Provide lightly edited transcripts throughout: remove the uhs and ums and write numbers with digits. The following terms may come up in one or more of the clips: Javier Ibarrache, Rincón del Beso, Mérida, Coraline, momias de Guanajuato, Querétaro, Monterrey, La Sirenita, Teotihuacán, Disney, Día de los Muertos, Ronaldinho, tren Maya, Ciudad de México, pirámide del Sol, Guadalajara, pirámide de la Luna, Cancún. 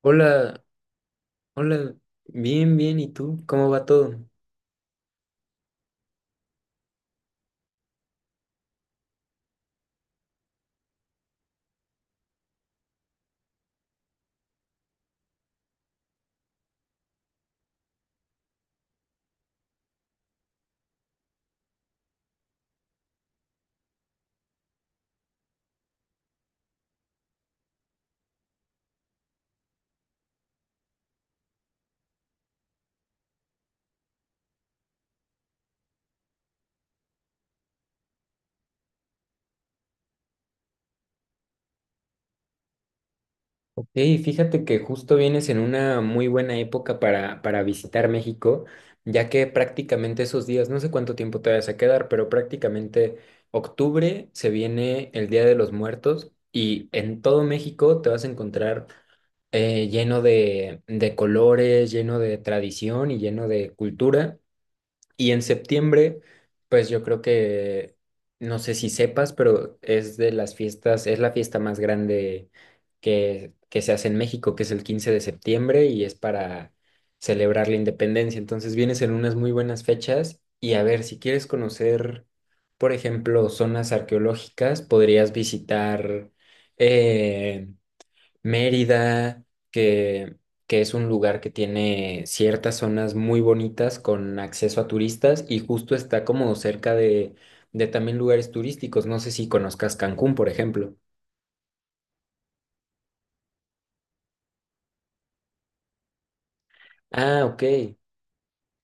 Hola, hola, bien, bien, ¿y tú? ¿Cómo va todo? Ok, fíjate que justo vienes en una muy buena época para visitar México, ya que prácticamente esos días, no sé cuánto tiempo te vas a quedar, pero prácticamente octubre se viene el Día de los Muertos y en todo México te vas a encontrar lleno de colores, lleno de tradición y lleno de cultura. Y en septiembre, pues yo creo que, no sé si sepas, pero es de las fiestas, es la fiesta más grande que se hace en México, que es el 15 de septiembre y es para celebrar la independencia. Entonces vienes en unas muy buenas fechas y a ver, si quieres conocer, por ejemplo, zonas arqueológicas, podrías visitar eh, Mérida, que, que es un lugar que tiene ciertas zonas muy bonitas con acceso a turistas y justo está como cerca de también lugares turísticos. No sé si conozcas Cancún, por ejemplo. Ah, ok.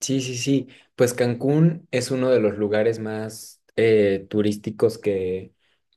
Sí, sí, sí. Pues Cancún es uno de los lugares más turísticos que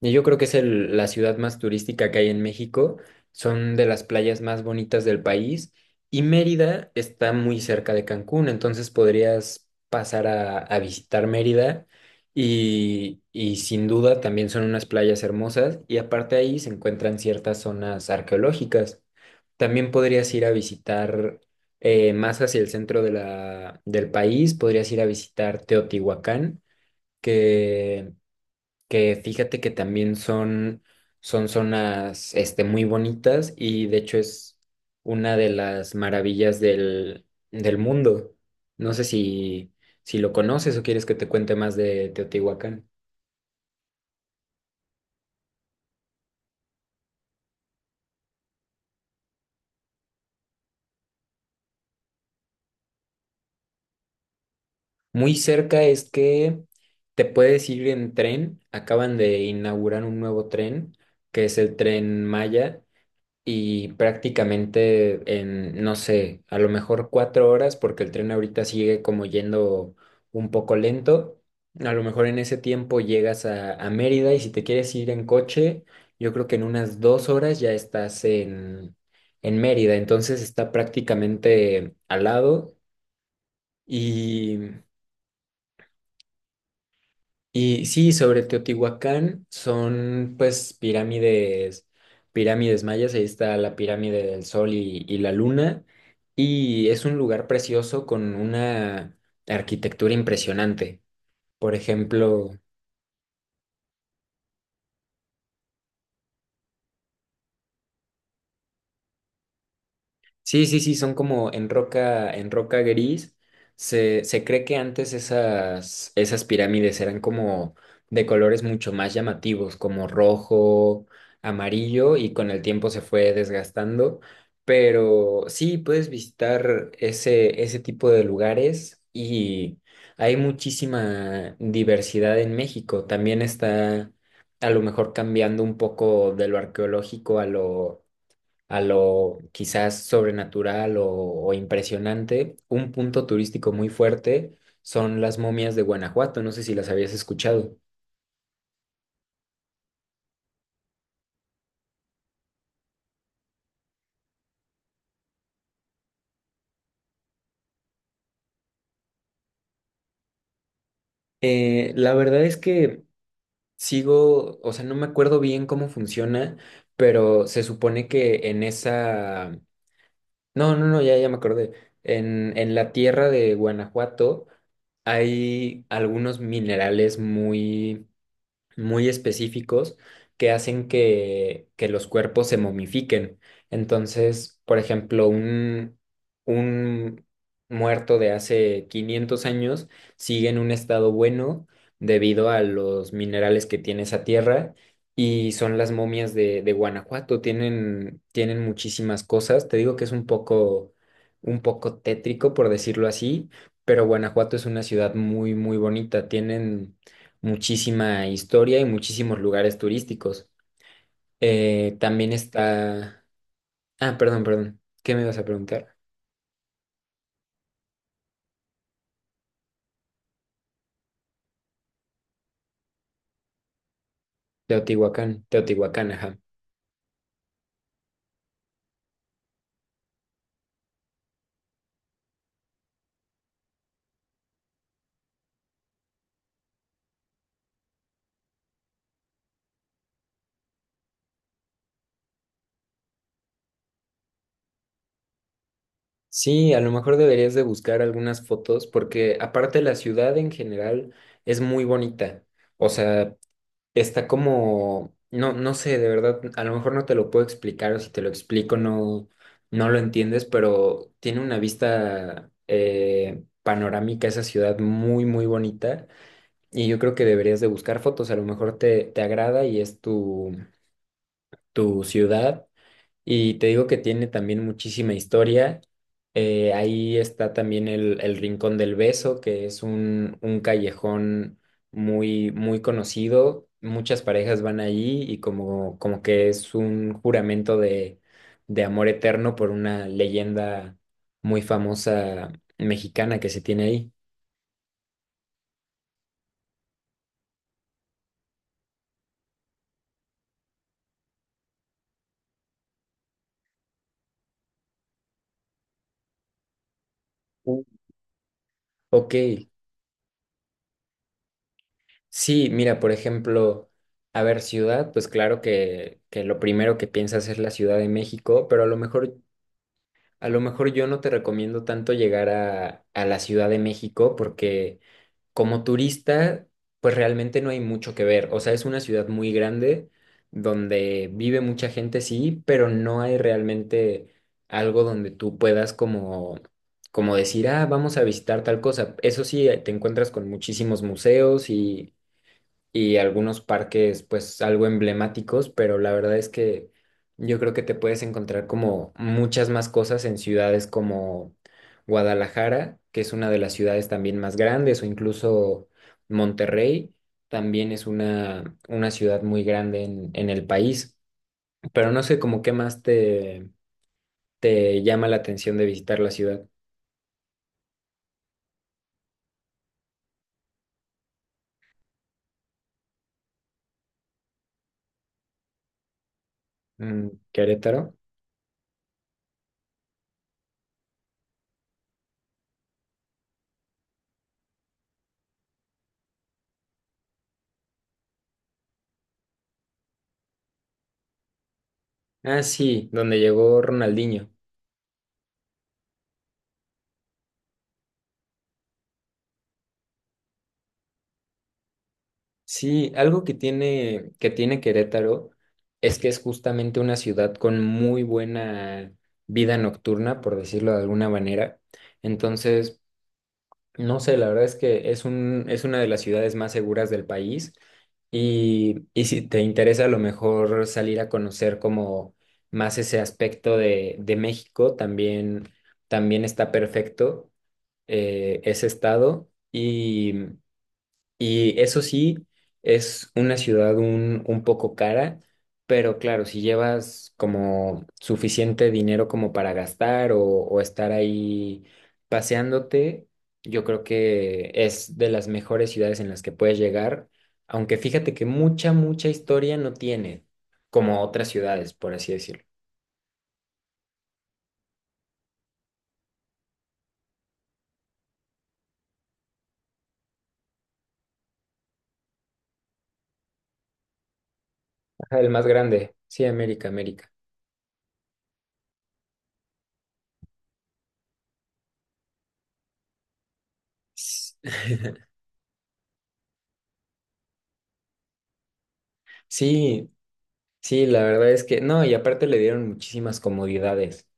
y yo creo que es la ciudad más turística que hay en México. Son de las playas más bonitas del país y Mérida está muy cerca de Cancún, entonces podrías pasar a visitar Mérida y sin duda también son unas playas hermosas y aparte ahí se encuentran ciertas zonas arqueológicas. También podrías ir a visitar más hacia el centro de la, del país, podrías ir a visitar Teotihuacán, que, que fíjate que también son, son zonas este, muy bonitas y de hecho es una de las maravillas del mundo. No sé si lo conoces o quieres que te cuente más de Teotihuacán. Muy cerca es que te puedes ir en tren, acaban de inaugurar un nuevo tren, que es el tren Maya y prácticamente en, no sé, a lo mejor 4 horas, porque el tren ahorita sigue como yendo un poco lento. A lo mejor en ese tiempo llegas a Mérida y si te quieres ir en coche, yo creo que en unas 2 horas ya estás en Mérida. Entonces está prácticamente al lado. y Y sí, sobre Teotihuacán son pues pirámides, pirámides mayas, ahí está la pirámide del Sol y la Luna, y es un lugar precioso con una arquitectura impresionante. Por ejemplo, sí, sí, sí, son como en roca gris. Se cree que antes esas, esas pirámides eran como de colores mucho más llamativos, como rojo, amarillo, y con el tiempo se fue desgastando. Pero sí, puedes visitar ese, ese tipo de lugares y hay muchísima diversidad en México. También está a lo mejor cambiando un poco de lo arqueológico a lo quizás sobrenatural o impresionante, un punto turístico muy fuerte son las momias de Guanajuato. No sé si las habías escuchado. La verdad es que sigo, o sea, no me acuerdo bien cómo funciona, pero se supone que en esa. No, no, no, ya, ya me acordé. En la tierra de Guanajuato hay algunos minerales muy muy específicos que hacen que los cuerpos se momifiquen. Entonces, por ejemplo, un muerto de hace 500 años sigue en un estado bueno debido a los minerales que tiene esa tierra. Y son las momias de Guanajuato, tienen, tienen muchísimas cosas. Te digo que es un poco tétrico, por decirlo así, pero Guanajuato es una ciudad muy, muy bonita. Tienen, muchísima historia y muchísimos lugares turísticos. También está. Ah, perdón, perdón. ¿Qué me ibas a preguntar? Teotihuacán, Teotihuacán, ajá. Sí, a lo mejor deberías de buscar algunas fotos porque aparte la ciudad en general es muy bonita. O sea, no, no sé, de verdad, a lo mejor no te lo puedo explicar o si te lo explico no lo entiendes, pero tiene una vista panorámica esa ciudad muy, muy bonita. Y yo creo que deberías de buscar fotos, a lo mejor te, te agrada y es tu, tu ciudad. Y te digo que tiene también muchísima historia. Ahí está también el Rincón del Beso, que es un callejón muy, muy conocido. Muchas parejas van allí y como, como que es un juramento de amor eterno por una leyenda muy famosa mexicana que se tiene ahí. Uh, Ok, sí, mira, por ejemplo, a ver, ciudad, pues claro que lo primero que piensas es la Ciudad de México, pero a lo mejor yo no te recomiendo tanto llegar a la Ciudad de México porque como turista, pues realmente no hay mucho que ver. O sea, es una ciudad muy grande donde vive mucha gente, sí, pero no hay realmente algo donde tú puedas como, como decir, ah, vamos a visitar tal cosa. Eso sí, te encuentras con muchísimos museos y algunos parques pues algo emblemáticos, pero la verdad es que yo creo que te puedes encontrar como muchas más cosas en ciudades como Guadalajara, que es una de las ciudades también más grandes, o incluso Monterrey, también es una ciudad muy grande en el país, pero no sé como qué más te, te llama la atención de visitar la ciudad. Mm, Querétaro. Ah, sí, donde llegó Ronaldinho. Sí, algo que tiene Querétaro es que es justamente una ciudad con muy buena vida nocturna, por decirlo de alguna manera. Entonces, no sé, la verdad es que es una de las ciudades más seguras del país. Y si te interesa a lo mejor salir a conocer como más ese aspecto de México, también, también está perfecto ese estado. Y eso sí, es una ciudad un poco cara, pero claro, si llevas como suficiente dinero como para gastar o estar ahí paseándote, yo creo que es de las mejores ciudades en las que puedes llegar, aunque fíjate que mucha, mucha historia no tiene, como otras ciudades, por así decirlo. Ajá, el más grande, sí, América, América. Sí, sí, la verdad es que no, y aparte le dieron muchísimas comodidades.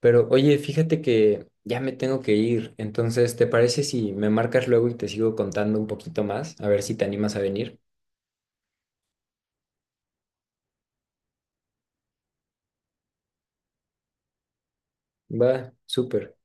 Pero oye, fíjate que ya me tengo que ir, entonces, ¿te parece si me marcas luego y te sigo contando un poquito más? A ver si te animas a venir. Va, súper.